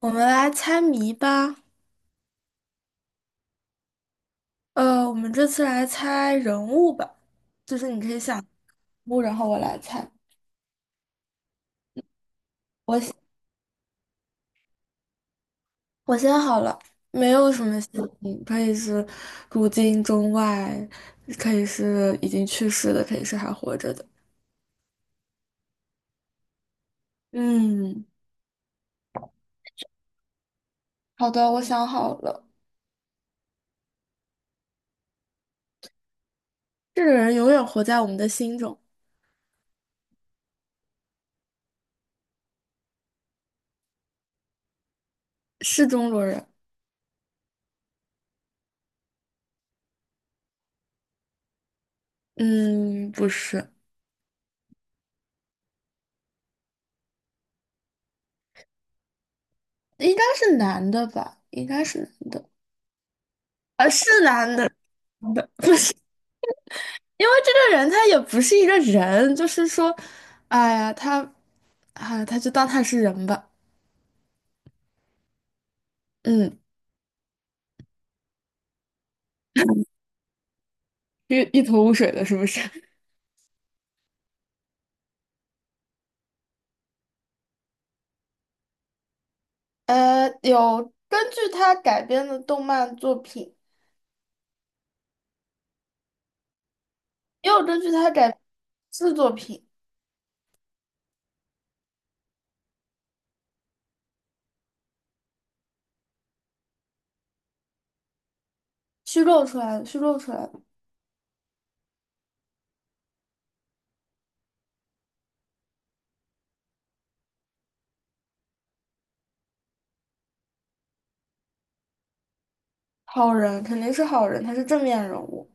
我们来猜谜吧。我们这次来猜人物吧，就是你可以想人物，然后我来猜。我先我先好了，没有什么姓情，可以是古今中外，可以是已经去世的，可以是还活着的。嗯，好的，我想好了。这个人永远活在我们的心中，是中国人。嗯，不是，应该是男的吧？应该是男的。啊，是男的，不是。因为这个人他也不是一个人，就是说，哎呀，他，啊，他就当他是人吧，嗯，一头雾水的，是不是？有根据他改编的动漫作品，也有根据他改编的作品虚构出来的，虚构出来的好人肯定是好人，他是正面人物。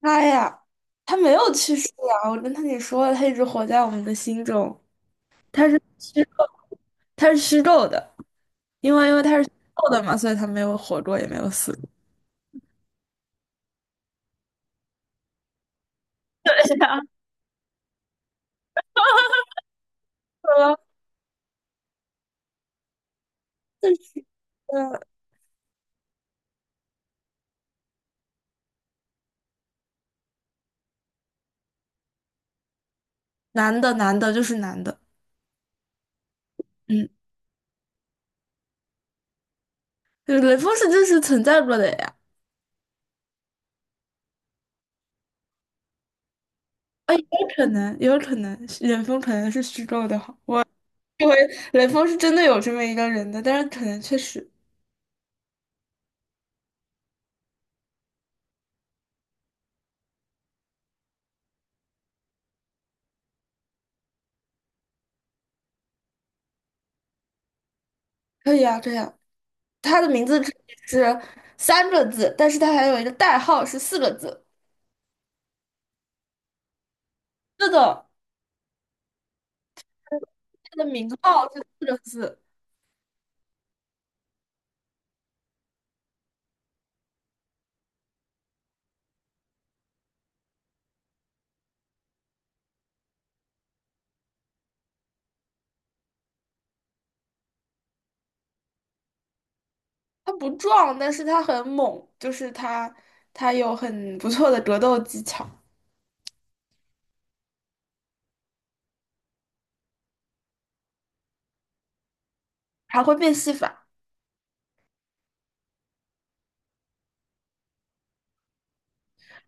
他呀，他没有去世啊，我跟他你说了，他一直活在我们的心中，他是虚构，他是虚构的。因为他是瘦的嘛，所以他没有活过，也没有死过。对呀，说呃，男的，男的就是男的，嗯，对雷锋是真实存在过的呀。啊，也有可能，也有可能，是雷锋可能是虚构的哈。我雷锋是真的有这么一个人的，但是可能确实可以啊，这样。他的名字只是3个字，但是他还有一个代号是四个字。是的，他的名号是四个字。他不壮，但是他很猛，就是他有很不错的格斗技巧。还会变戏法，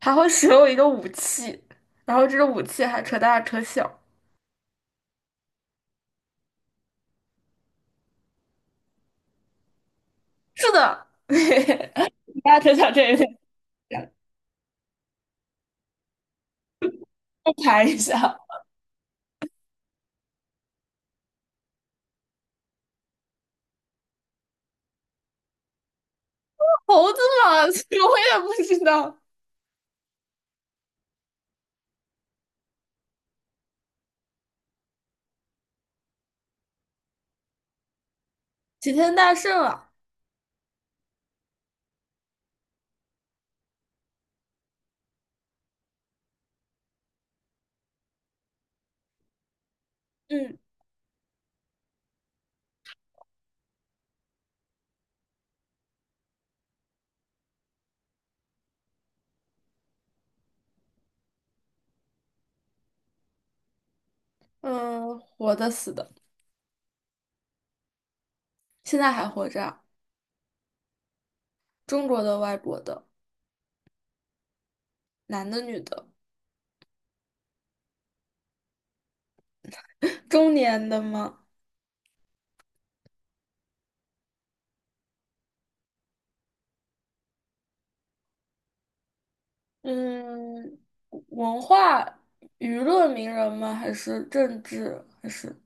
还会使用一个武器，然后这个武器还扯大扯小。是的，大家扯小这也有点像复盘一下。猴子嘛，所以我也不知道。齐天大圣啊，嗯嗯，活的死的，现在还活着啊，中国的、外国的，男的、女的，中年的吗？嗯，文化娱乐名人吗？还是政治？还是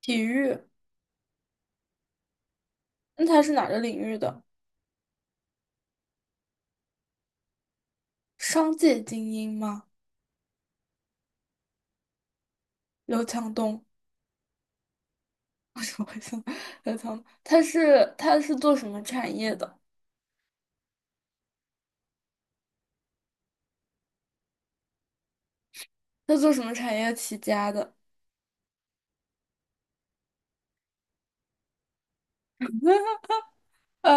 体育？那他是哪个领域的？商界精英吗？刘强东，为什么会想刘强东？他是做什么产业的？他做什么产业起家的？呃，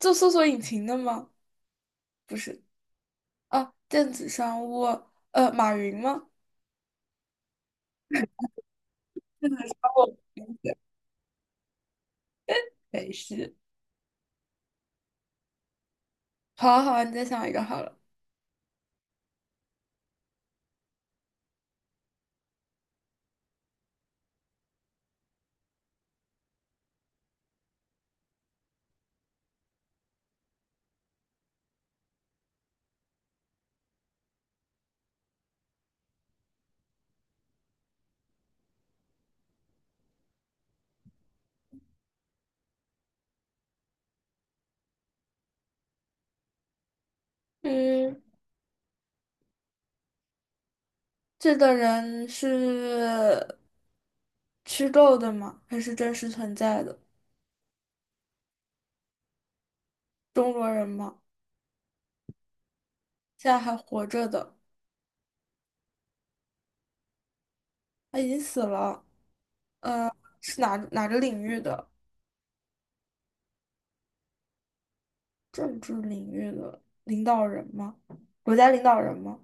做搜索引擎的吗？不是啊，电子商务，马云吗？电子商务，北西。好啊，好啊，你再想一个好了。嗯，这个人是虚构的吗？还是真实存在的？中国人吗？现在还活着的？他已经死了。是哪个领域的？政治领域的领导人吗？国家领导人吗？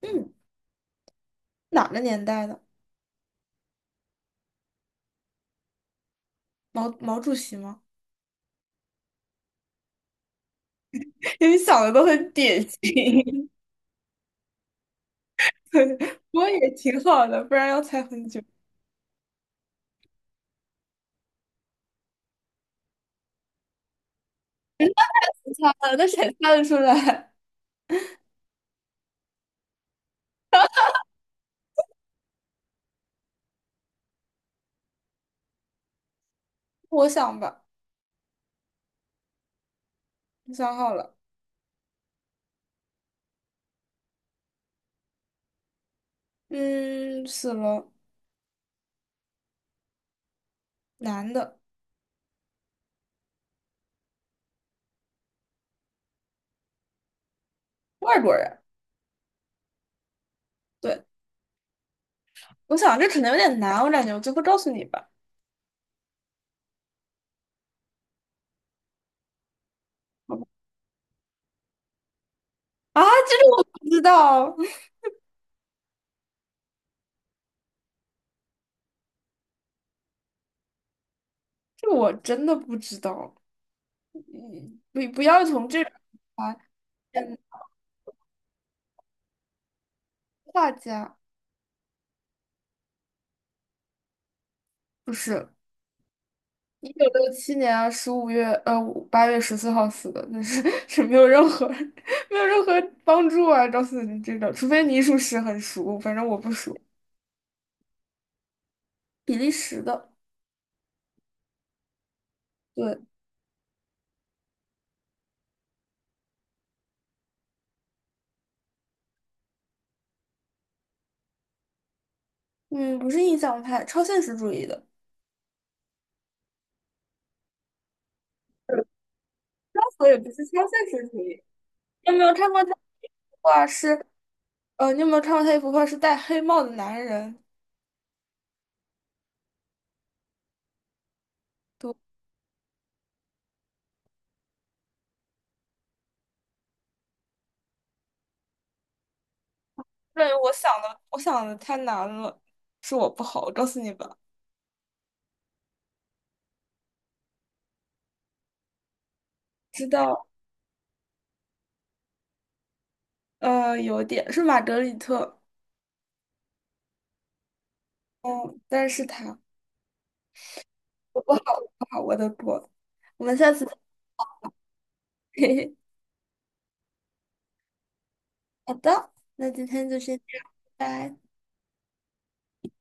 嗯，哪个年代的？毛主席吗？因为想的都很典型，对，不过也挺好的，不然要猜很久。猜了，那谁猜得出来？我想吧，我想好了，嗯，死了，男的，外国人。对，我想这可能有点难，我感觉我最后告诉你吧。好吧啊，这个我不知道，这个我真的不知道。嗯，不要从这边来嗯，画家，不是1967年啊15月8月14号死的，那是 是没有任何 没有任何帮助啊，告诉你这个，除非你属实很熟，反正我不熟。比利时的，对，嗯，不是印象派，超现实主义的，我也不是超现实主义。你有没有看过他一幅画是你有没有看过他一幅画是戴黑帽的男人？对，我想的，我想的太难了，是我不好，我告诉你吧。知道，有点是玛格丽特，嗯，但是它我不好我的锅，我们下次再 好的，那今天就先这样，拜拜。